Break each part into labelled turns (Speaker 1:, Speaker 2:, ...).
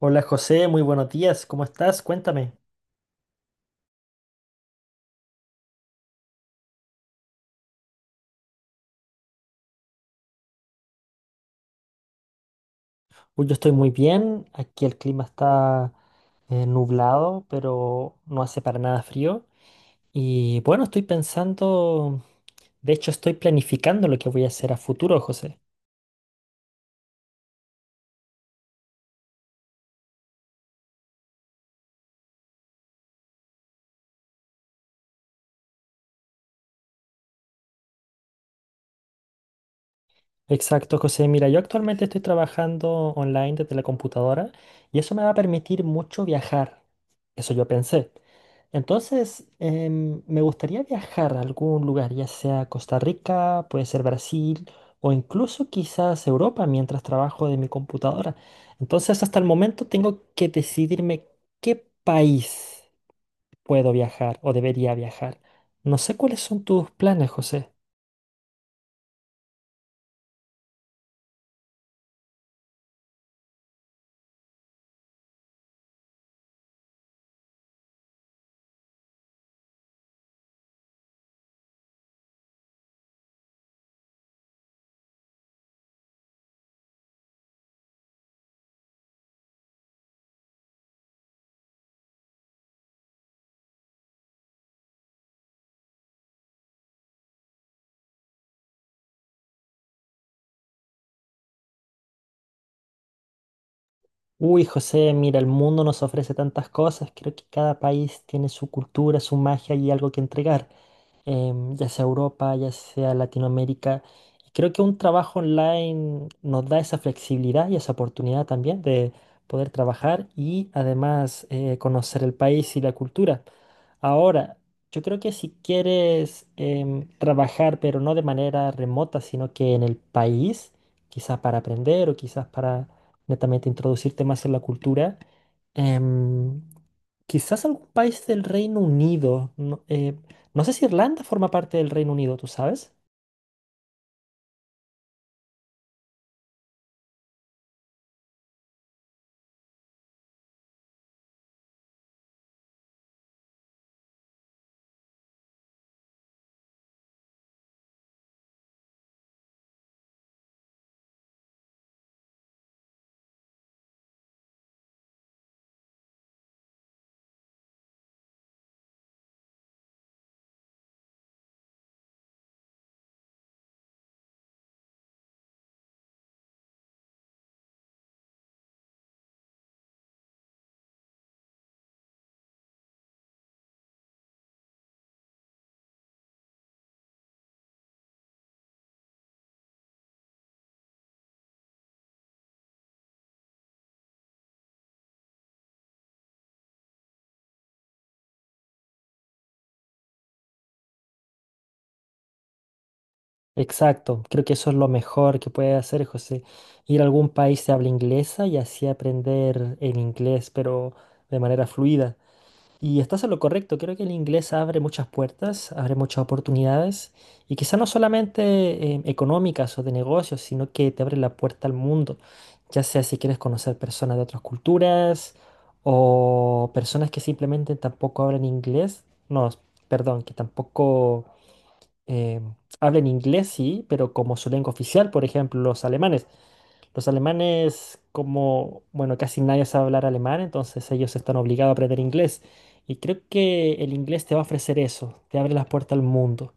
Speaker 1: Hola José, muy buenos días, ¿cómo estás? Cuéntame. Uy, yo estoy muy bien, aquí el clima está nublado, pero no hace para nada frío. Y bueno, estoy pensando, de hecho estoy planificando lo que voy a hacer a futuro, José. Exacto, José. Mira, yo actualmente estoy trabajando online desde la computadora y eso me va a permitir mucho viajar. Eso yo pensé. Entonces, me gustaría viajar a algún lugar, ya sea Costa Rica, puede ser Brasil o incluso quizás Europa mientras trabajo de mi computadora. Entonces, hasta el momento tengo que decidirme qué país puedo viajar o debería viajar. No sé cuáles son tus planes, José. Uy, José, mira, el mundo nos ofrece tantas cosas. Creo que cada país tiene su cultura, su magia y algo que entregar, ya sea Europa, ya sea Latinoamérica. Y creo que un trabajo online nos da esa flexibilidad y esa oportunidad también de poder trabajar y además conocer el país y la cultura. Ahora, yo creo que si quieres trabajar, pero no de manera remota, sino que en el país, quizás para aprender o quizás para netamente introducirte más en la cultura. em, Quizás algún país del Reino Unido. No sé si Irlanda forma parte del Reino Unido, ¿tú sabes? Exacto, creo que eso es lo mejor que puede hacer José, ir a algún país de habla inglesa y así aprender el inglés, pero de manera fluida. Y estás en lo correcto, creo que el inglés abre muchas puertas, abre muchas oportunidades y quizá no solamente económicas o de negocios, sino que te abre la puerta al mundo, ya sea si quieres conocer personas de otras culturas o personas que simplemente tampoco hablan inglés. No, perdón, que tampoco eh, hablan inglés, sí, pero como su lengua oficial, por ejemplo, los alemanes. Los alemanes, como, bueno, casi nadie sabe hablar alemán, entonces ellos están obligados a aprender inglés. Y creo que el inglés te va a ofrecer eso, te abre las puertas al mundo.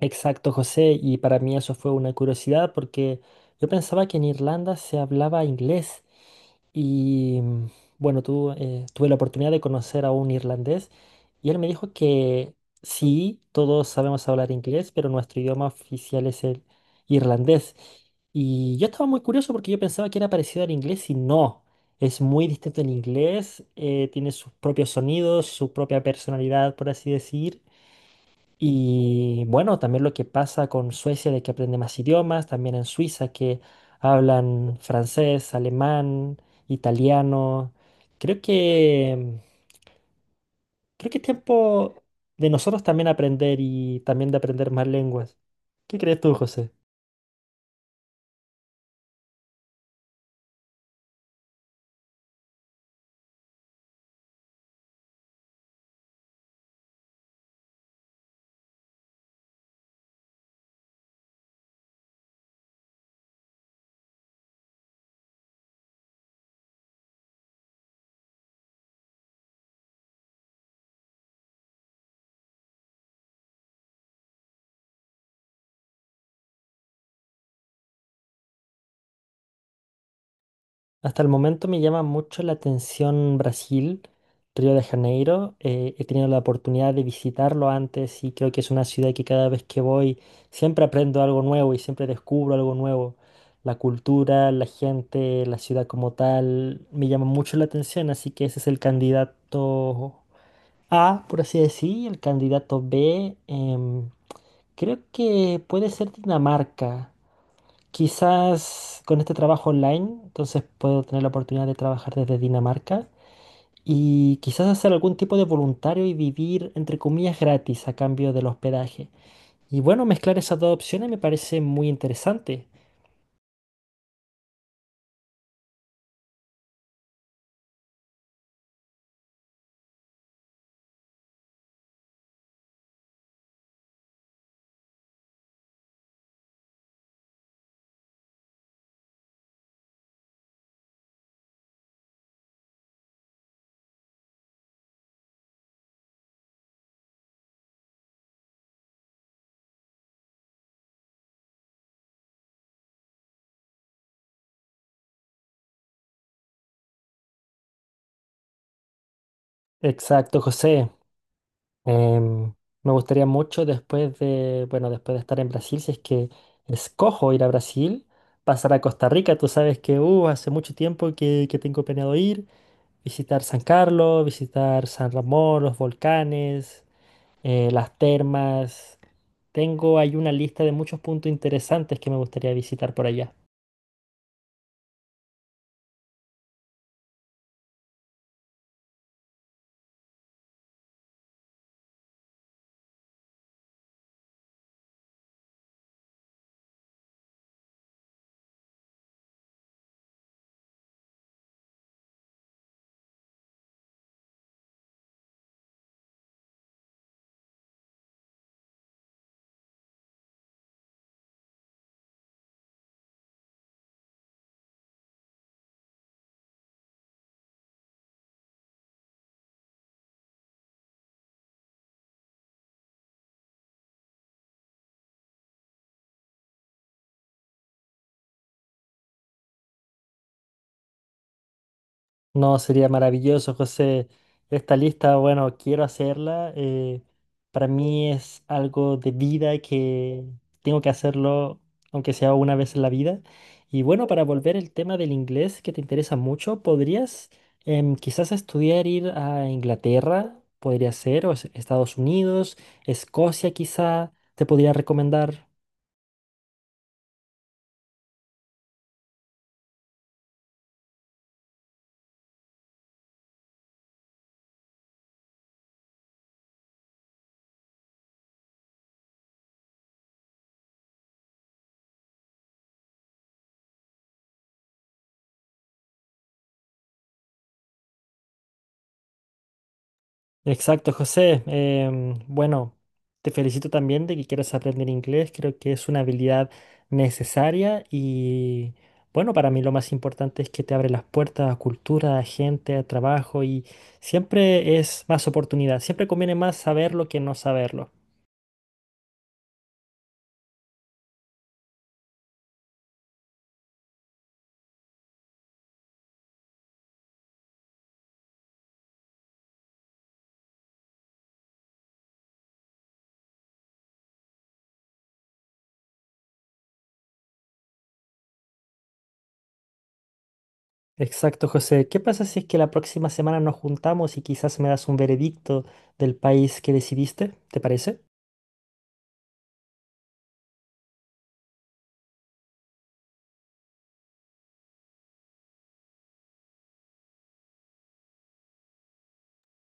Speaker 1: Exacto, José, y para mí eso fue una curiosidad porque yo pensaba que en Irlanda se hablaba inglés. Y mm, bueno, tú, tuve la oportunidad de conocer a un irlandés y él me dijo que sí, todos sabemos hablar inglés, pero nuestro idioma oficial es el irlandés. Y yo estaba muy curioso porque yo pensaba que era parecido al inglés y no. Es muy distinto al inglés, tiene sus propios sonidos, su propia personalidad, por así decir. Y bueno, también lo que pasa con Suecia de que aprende más idiomas, también en Suiza que hablan francés, alemán, italiano. Creo que creo que es tiempo de nosotros también aprender y también de aprender más lenguas. ¿Qué crees tú, José? Hasta el momento me llama mucho la atención Brasil, Río de Janeiro. He tenido la oportunidad de visitarlo antes y creo que es una ciudad que cada vez que voy siempre aprendo algo nuevo y siempre descubro algo nuevo. La cultura, la gente, la ciudad como tal, me llama mucho la atención, así que ese es el candidato A, por así decir, y el candidato B, creo que puede ser Dinamarca. Quizás con este trabajo online, entonces puedo tener la oportunidad de trabajar desde Dinamarca y quizás hacer algún tipo de voluntario y vivir, entre comillas, gratis a cambio del hospedaje. Y bueno, mezclar esas dos opciones me parece muy interesante. Exacto, José. Em, me gustaría mucho después de, bueno, después de estar en Brasil, si es que escojo ir a Brasil, pasar a Costa Rica. Tú sabes que, hace mucho tiempo que tengo planeado ir. Visitar San Carlos, visitar San Ramón, los volcanes, las termas. Tengo ahí una lista de muchos puntos interesantes que me gustaría visitar por allá. No, sería maravilloso, José. Esta lista, bueno, quiero hacerla. Para mí es algo de vida que tengo que hacerlo, aunque sea una vez en la vida. Y bueno, para volver al tema del inglés que te interesa mucho, ¿podrías quizás estudiar ir a Inglaterra? Podría ser, Estados Unidos, Escocia quizá, te podría recomendar. Exacto, José. Em, bueno, te felicito también de que quieras aprender inglés. Creo que es una habilidad necesaria y bueno, para mí lo más importante es que te abre las puertas a cultura, a gente, a trabajo y siempre es más oportunidad. Siempre conviene más saberlo que no saberlo. Exacto, José. ¿Qué pasa si es que la próxima semana nos juntamos y quizás me das un veredicto del país que decidiste? ¿Te parece?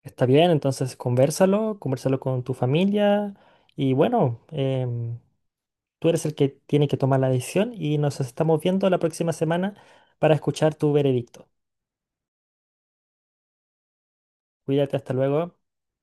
Speaker 1: Está bien, entonces convérsalo, convérsalo con tu familia y bueno, em, tú eres el que tiene que tomar la decisión y nos estamos viendo la próxima semana para escuchar tu veredicto. Cuídate, hasta luego.